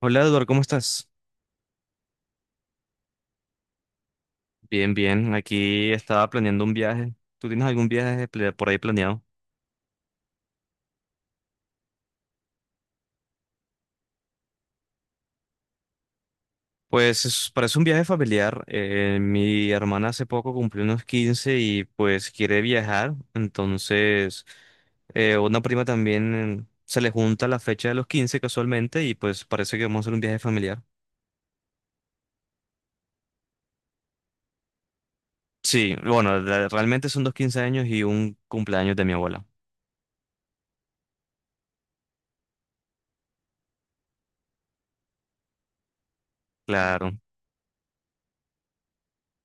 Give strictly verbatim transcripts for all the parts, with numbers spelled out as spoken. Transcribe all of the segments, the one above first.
Hola Eduardo, ¿cómo estás? Bien, bien. Aquí estaba planeando un viaje. ¿Tú tienes algún viaje pla- por ahí planeado? Pues es- parece un viaje familiar. Eh, mi hermana hace poco cumplió unos quince y pues quiere viajar. Entonces, eh, una prima también se le junta la fecha de los quince casualmente y pues parece que vamos a hacer un viaje familiar. Sí, bueno, la- realmente son dos quince años y un cumpleaños de mi abuela. Claro.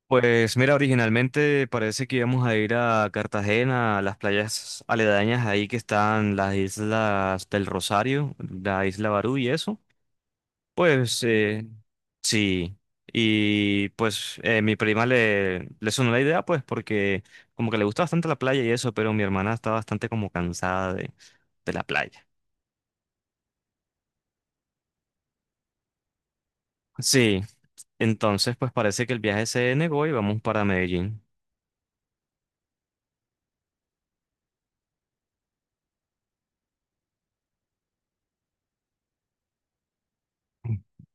Pues mira, originalmente parece que íbamos a ir a Cartagena, a las playas aledañas ahí que están las Islas del Rosario, la isla Barú y eso. Pues eh, sí, y pues eh, mi prima le, le sonó la idea pues porque como que le gusta bastante la playa y eso, pero mi hermana está bastante como cansada de, de la playa. Sí, entonces pues parece que el viaje se negó y vamos para Medellín.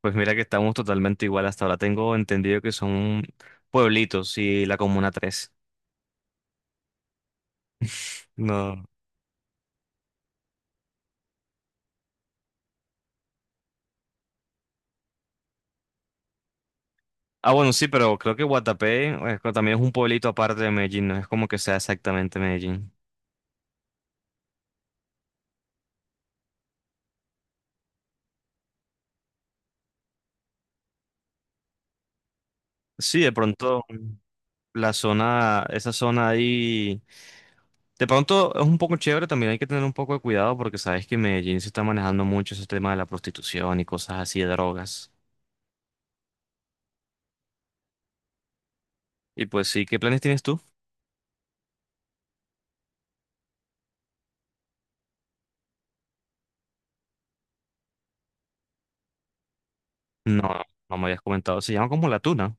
Pues mira que estamos totalmente igual. Hasta ahora tengo entendido que son pueblitos y la Comuna Tres. No. Ah, bueno, sí, pero creo que Guatapé eh, co- también es un pueblito aparte de Medellín, no es como que sea exactamente Medellín. Sí, de pronto la zona, esa zona ahí, de pronto es un poco chévere, también hay que tener un poco de cuidado porque sabes que en Medellín se está manejando mucho ese tema de la prostitución y cosas así de drogas. Y pues sí, ¿qué planes tienes tú? No, no me habías comentado, se llama como La Tuna.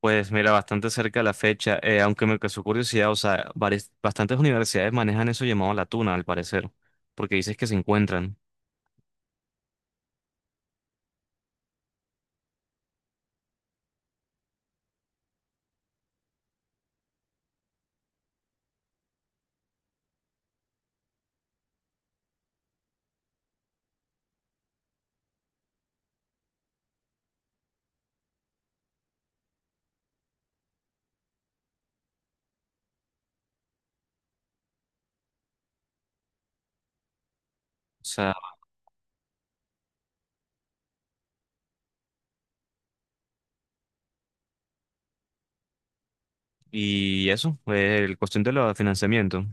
Pues mira, bastante cerca de la fecha, eh, aunque me causó curiosidad, o sea, varias- bastantes universidades manejan eso llamado la tuna, al parecer, porque dices que se encuentran. O sea, y eso, eh, el cuestión de los financiamiento.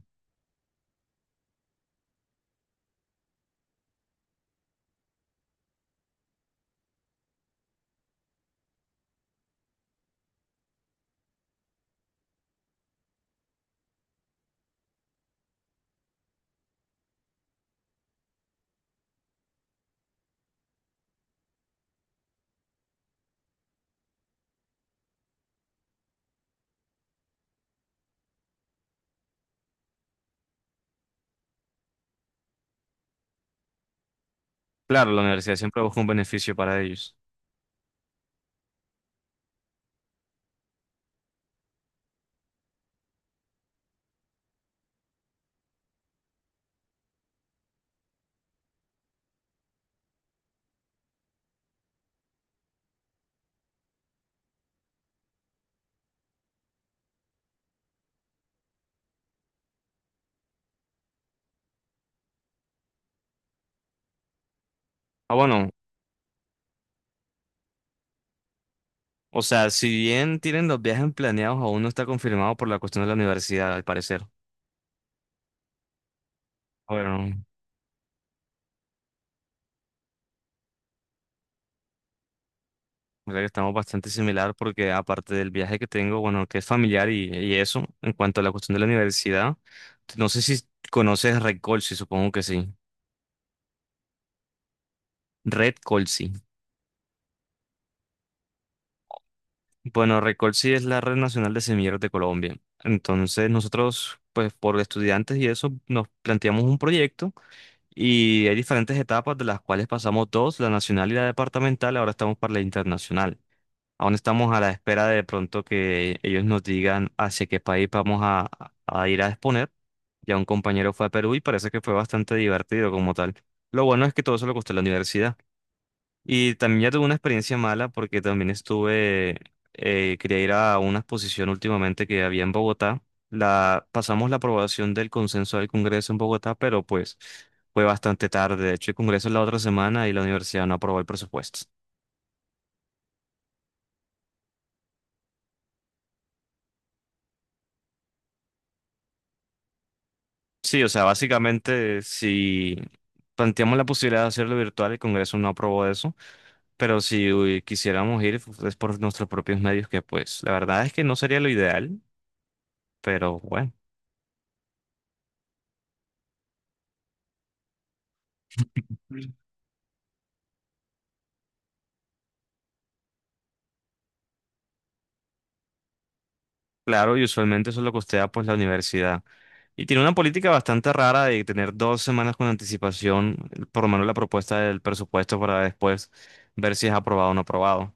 Claro, la universidad siempre busca un beneficio para ellos. Ah, bueno, o sea, si bien tienen los viajes planeados, aún no está confirmado por la cuestión de la universidad, al parecer. Bueno. O sea que estamos bastante similar porque aparte del viaje que tengo, bueno, que es familiar y, y eso, en cuanto a la cuestión de la universidad, no sé si conoces Red Colsi, supongo que sí. Red Colsi. Bueno, Red Colsi es la red nacional de semilleros de Colombia. Entonces nosotros, pues por estudiantes y eso, nos planteamos un proyecto y hay diferentes etapas de las cuales pasamos dos, la nacional y la departamental, ahora estamos para la internacional. Aún estamos a la espera de pronto que ellos nos digan hacia qué país vamos a, a ir a exponer. Ya un compañero fue a Perú y parece que fue bastante divertido como tal. Lo bueno es que todo eso lo costó la universidad. Y también ya tuve una experiencia mala porque también estuve, eh, quería ir a una exposición últimamente que había en Bogotá. La, pasamos la aprobación del consenso del Congreso en Bogotá, pero pues fue bastante tarde. De hecho, el Congreso es la otra semana y la universidad no aprobó el presupuesto. Sí, o sea, básicamente si planteamos la posibilidad de hacerlo virtual, el Congreso no aprobó eso, pero si uy, quisiéramos ir pues, es por nuestros propios medios, que pues la verdad es que no sería lo ideal, pero bueno. Mm. Claro, y usualmente eso es lo costea pues la universidad. Y tiene una política bastante rara de tener dos semanas con anticipación, por lo menos la propuesta del presupuesto para después ver si es aprobado o no aprobado.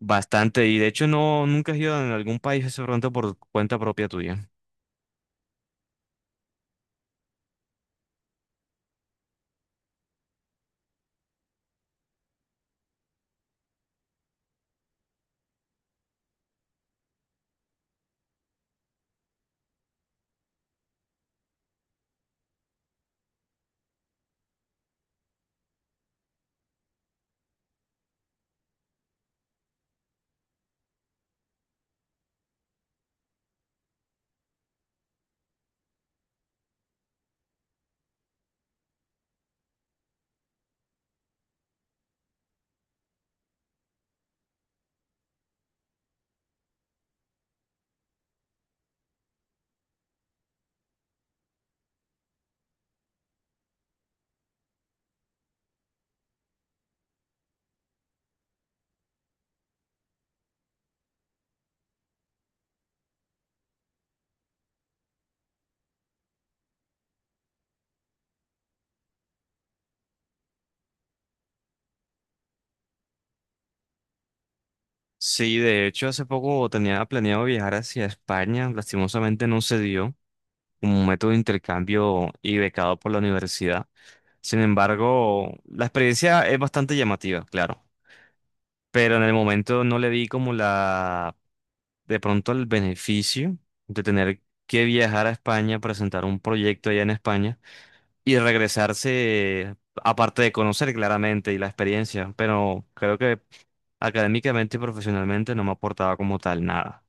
Bastante, y de hecho no, nunca has ido a algún país ese pronto por cuenta propia tuya. Sí, de hecho, hace poco tenía planeado viajar hacia España, lastimosamente no se dio un método de intercambio y becado por la universidad. Sin embargo, la experiencia es bastante llamativa, claro, pero en el momento no le di como la, de pronto el beneficio de tener que viajar a España, presentar un proyecto allá en España y regresarse, aparte de conocer claramente y la experiencia, pero creo que académicamente y profesionalmente no me aportaba como tal nada.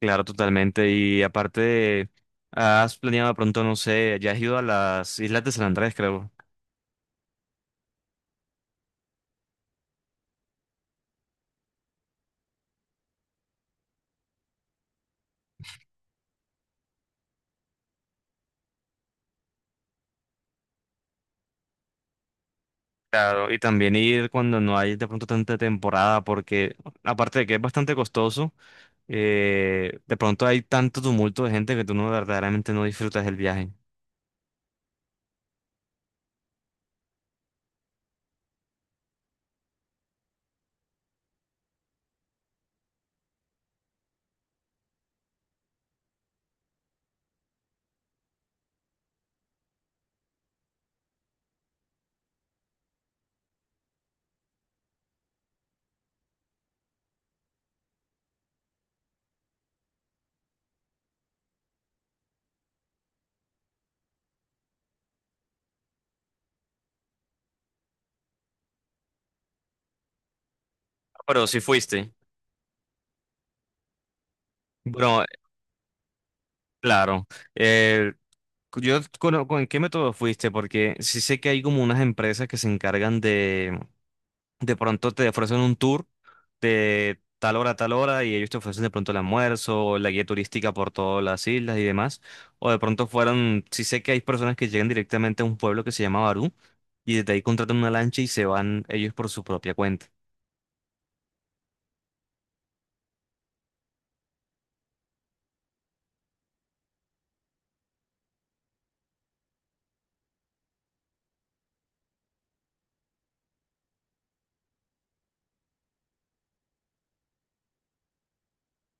Claro, totalmente. Y aparte, has planeado de pronto, no sé, ya has ido a las Islas de San Andrés, creo. Claro, y también ir cuando no hay de pronto tanta temporada, porque aparte de que es bastante costoso, eh, de pronto hay tanto tumulto de gente que tú no verdaderamente no disfrutas el viaje. Pero si fuiste. Bueno, claro. Eh, yo conozco en qué método fuiste, porque sí sé que hay como unas empresas que se encargan de de pronto te ofrecen un tour de tal hora a tal hora y ellos te ofrecen de pronto el almuerzo, la guía turística por todas las islas y demás. O de pronto fueron, sí sé que hay personas que llegan directamente a un pueblo que se llama Barú y desde ahí contratan una lancha y se van ellos por su propia cuenta.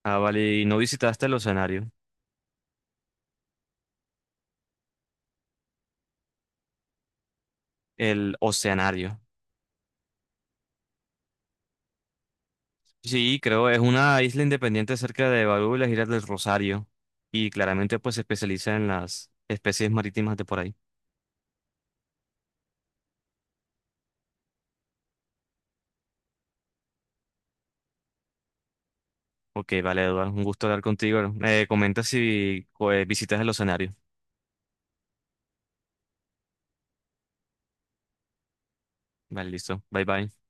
Ah, vale, ¿y no visitaste el oceanario, el oceanario? Sí, creo, es una isla independiente cerca de Barú y las Islas del Rosario y claramente pues se especializa en las especies marítimas de por ahí. Ok, vale, Eduardo, un gusto hablar contigo. Me comentas si pues, visitas el escenario. Vale, listo. Bye bye.